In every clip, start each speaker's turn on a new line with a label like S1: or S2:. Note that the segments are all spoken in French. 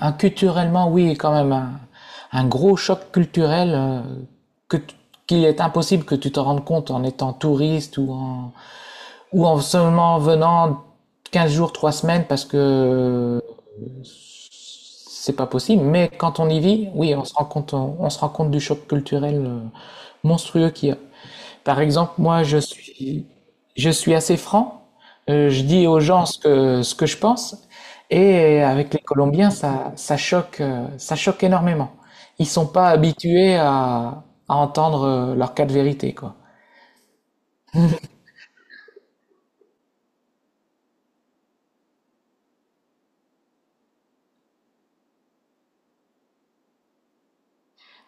S1: Ah, culturellement, oui, quand même, un gros choc culturel que t- qu'il est impossible que tu te rendes compte en étant touriste ou en seulement venant 15 jours, 3 semaines parce que c'est pas possible, mais quand on y vit, oui, on se rend compte, on se rend compte du choc culturel monstrueux qu'il y a. Par exemple, moi, je suis assez franc. Je dis aux gens ce que je pense. Et avec les Colombiens, ça, ça choque énormément. Ils sont pas habitués à entendre leur cas de vérité, quoi.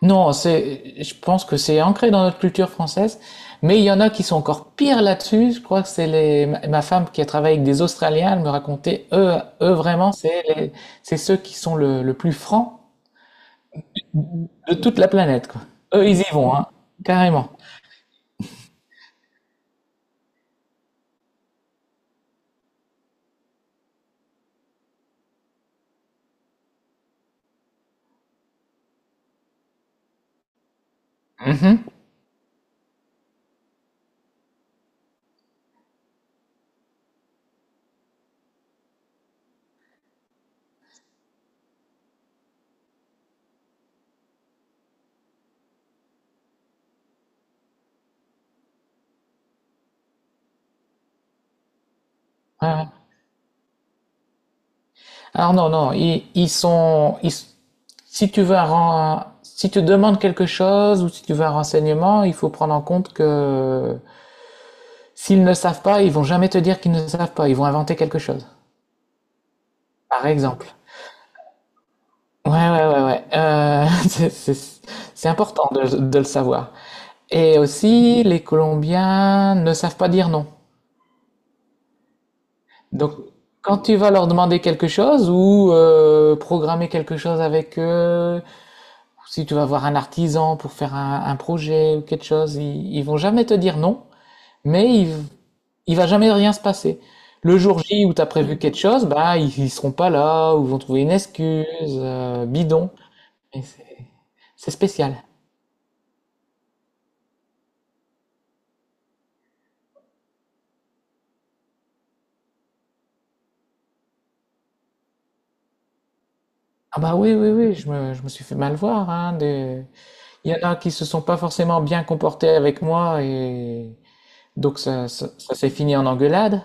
S1: Non, c'est, je pense que c'est ancré dans notre culture française, mais il y en a qui sont encore pires là-dessus. Je crois que c'est les, ma femme qui a travaillé avec des Australiens, elle me racontait, eux vraiment, c'est ceux qui sont le plus francs de toute la planète, quoi. Eux, ils y vont, hein, carrément. Mhm. Ouais, ouais. Alors non, non, si tu veux un, si tu demandes quelque chose ou si tu veux un renseignement, il faut prendre en compte que s'ils ne savent pas, ils vont jamais te dire qu'ils ne savent pas. Ils vont inventer quelque chose. Par exemple. Ouais, ouais, ouais, ouais. C'est important de le savoir. Et aussi, les Colombiens ne savent pas dire non. Donc, quand tu vas leur demander quelque chose ou programmer quelque chose avec eux, si tu vas voir un artisan pour faire un projet ou quelque chose, ils vont jamais te dire non, mais ils il va jamais rien se passer. Le jour J où t'as prévu quelque chose, bah ils, ils seront pas là, ou vont trouver une excuse, bidon. Et c'est spécial. Ah bah oui, oui, oui, je me suis fait mal voir, hein, de... Il y en a qui se sont pas forcément bien comportés avec moi, et donc ça s'est fini en engueulade.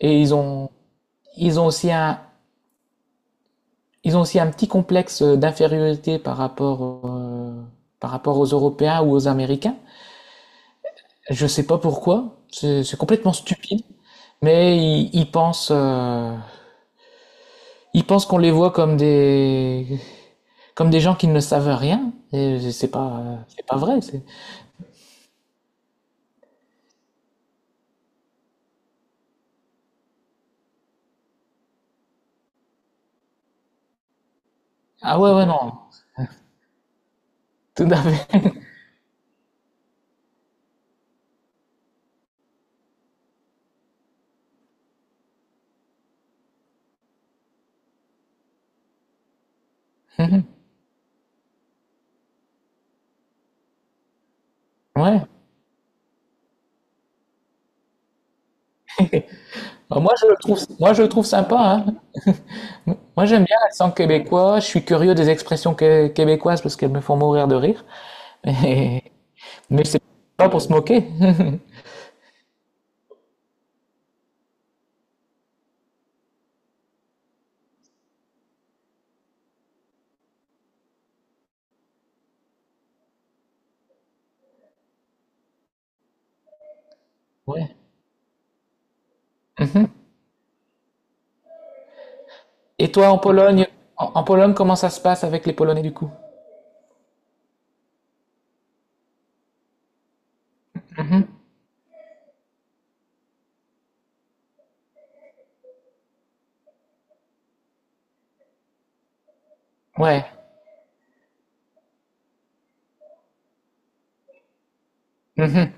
S1: Et ils ont aussi un, ils ont aussi un petit complexe d'infériorité par rapport aux Européens ou aux Américains. Je sais pas pourquoi, c'est complètement stupide, mais ils pensent, ils pensent qu'on les voit comme des gens qui ne savent rien, et c'est pas vrai. C'est- Ah ouais, ouais, non, tout à fait. Ouais. Bah, moi, je le trouve sympa, hein. Moi, j'aime bien l'accent québécois, je suis curieux des expressions québécoises parce qu'elles me font mourir de rire, mais, mais c'est pas pour se moquer. Ouais. Et toi, en Pologne, en Pologne, comment ça se passe avec les Polonais du coup? Ouais. Mhm.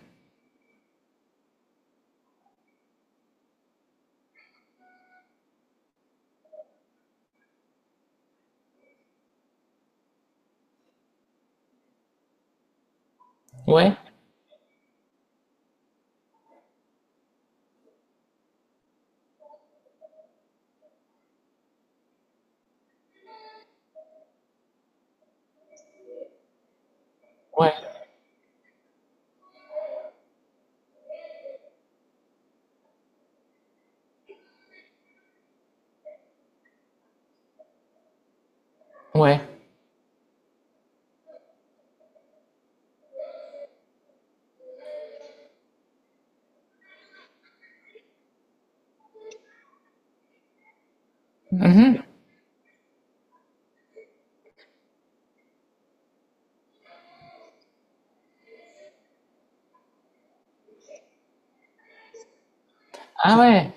S1: Ouais. Ouais. Ouais. Ah ouais.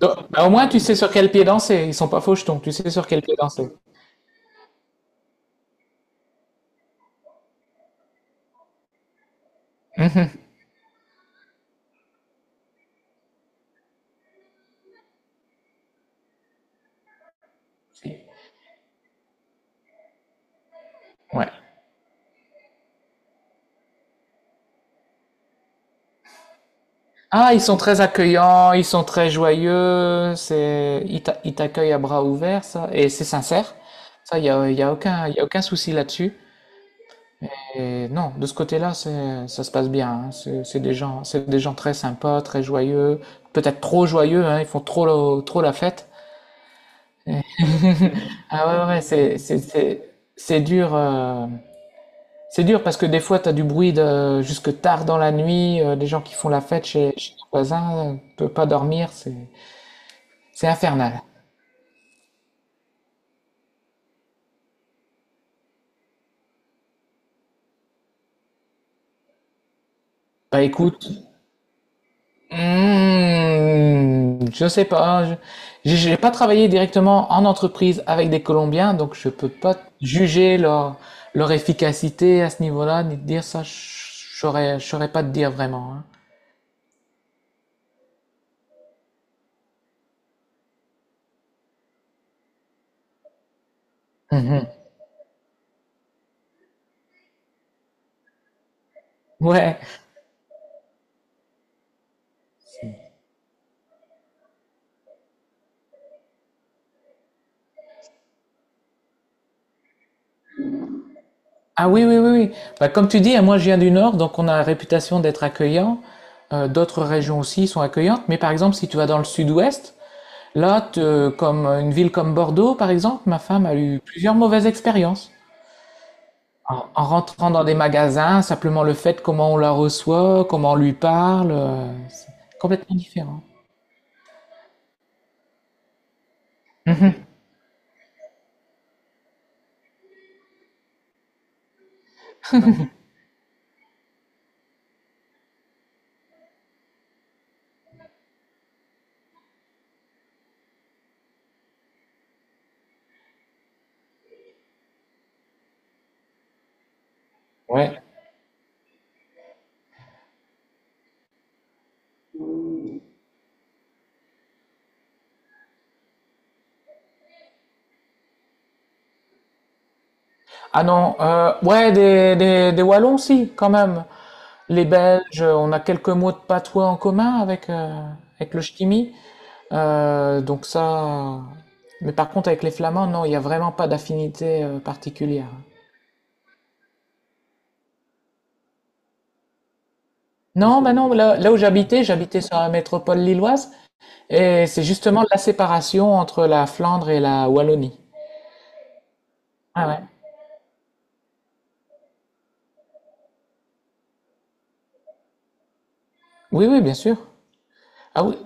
S1: Donc, bah, au moins, tu sais sur quel pied danser. Ils sont pas fauchetons. Tu sais sur quel pied danser. Mhm. Ouais. Ah, ils sont très accueillants. Ils sont très joyeux. C'est, ils t'accueillent à bras ouverts, ça. Et c'est sincère. Ça, y a aucun souci là-dessus. Et non, de ce côté-là, c'est, ça se passe bien. Hein. C'est des gens, c'est des gens très sympas, très joyeux. Peut-être trop joyeux. Hein. Ils font trop, trop la fête. Ah ouais, ouais, ouais, c'est dur. C'est dur parce que des fois, t'as du bruit de, jusque tard dans la nuit, des gens qui font la fête chez les voisins, peut pas dormir, c'est infernal. Bah écoute, je sais pas, j'ai pas travaillé directement en entreprise avec des Colombiens, donc je peux pas juger leur, leur efficacité à ce niveau-là, ni te dire ça, je saurais pas te dire vraiment. Hein. Mhm. Ouais. Ah oui, oui, oui, oui. Bah, comme tu dis, hein, moi je viens du Nord, donc on a la réputation d'être accueillant. D'autres régions aussi sont accueillantes, mais par exemple, si tu vas dans le Sud-Ouest, là, te- comme une ville comme Bordeaux, par exemple, ma femme a eu plusieurs mauvaises expériences. En rentrant dans des magasins, simplement le fait comment on la reçoit, comment on lui parle, c'est complètement différent. Mhm. Ouais. Ah non, ouais, des Wallons, si, quand même. Les Belges, on a quelques mots de patois en commun avec, avec le ch'timi. Donc ça... Mais par contre, avec les Flamands, non, il n'y a vraiment pas d'affinité particulière. Non, bah non, là où j'habitais, j'habitais sur la métropole lilloise, et c'est justement la séparation entre la Flandre et la Wallonie. Ah ouais. Oui, oui, bien sûr. Ah oui,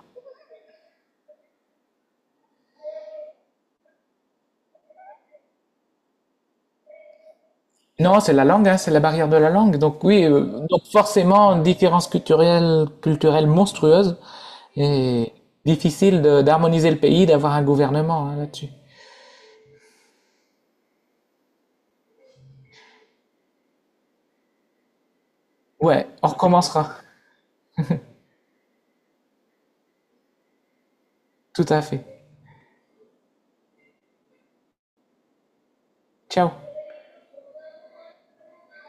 S1: non, c'est la langue, hein, c'est la barrière de la langue. Donc oui, donc forcément, une différence culturelle, culturelle monstrueuse et difficile de- d'harmoniser le pays, d'avoir un gouvernement hein, là-dessus. Ouais, on recommencera. Tout à fait. Ciao.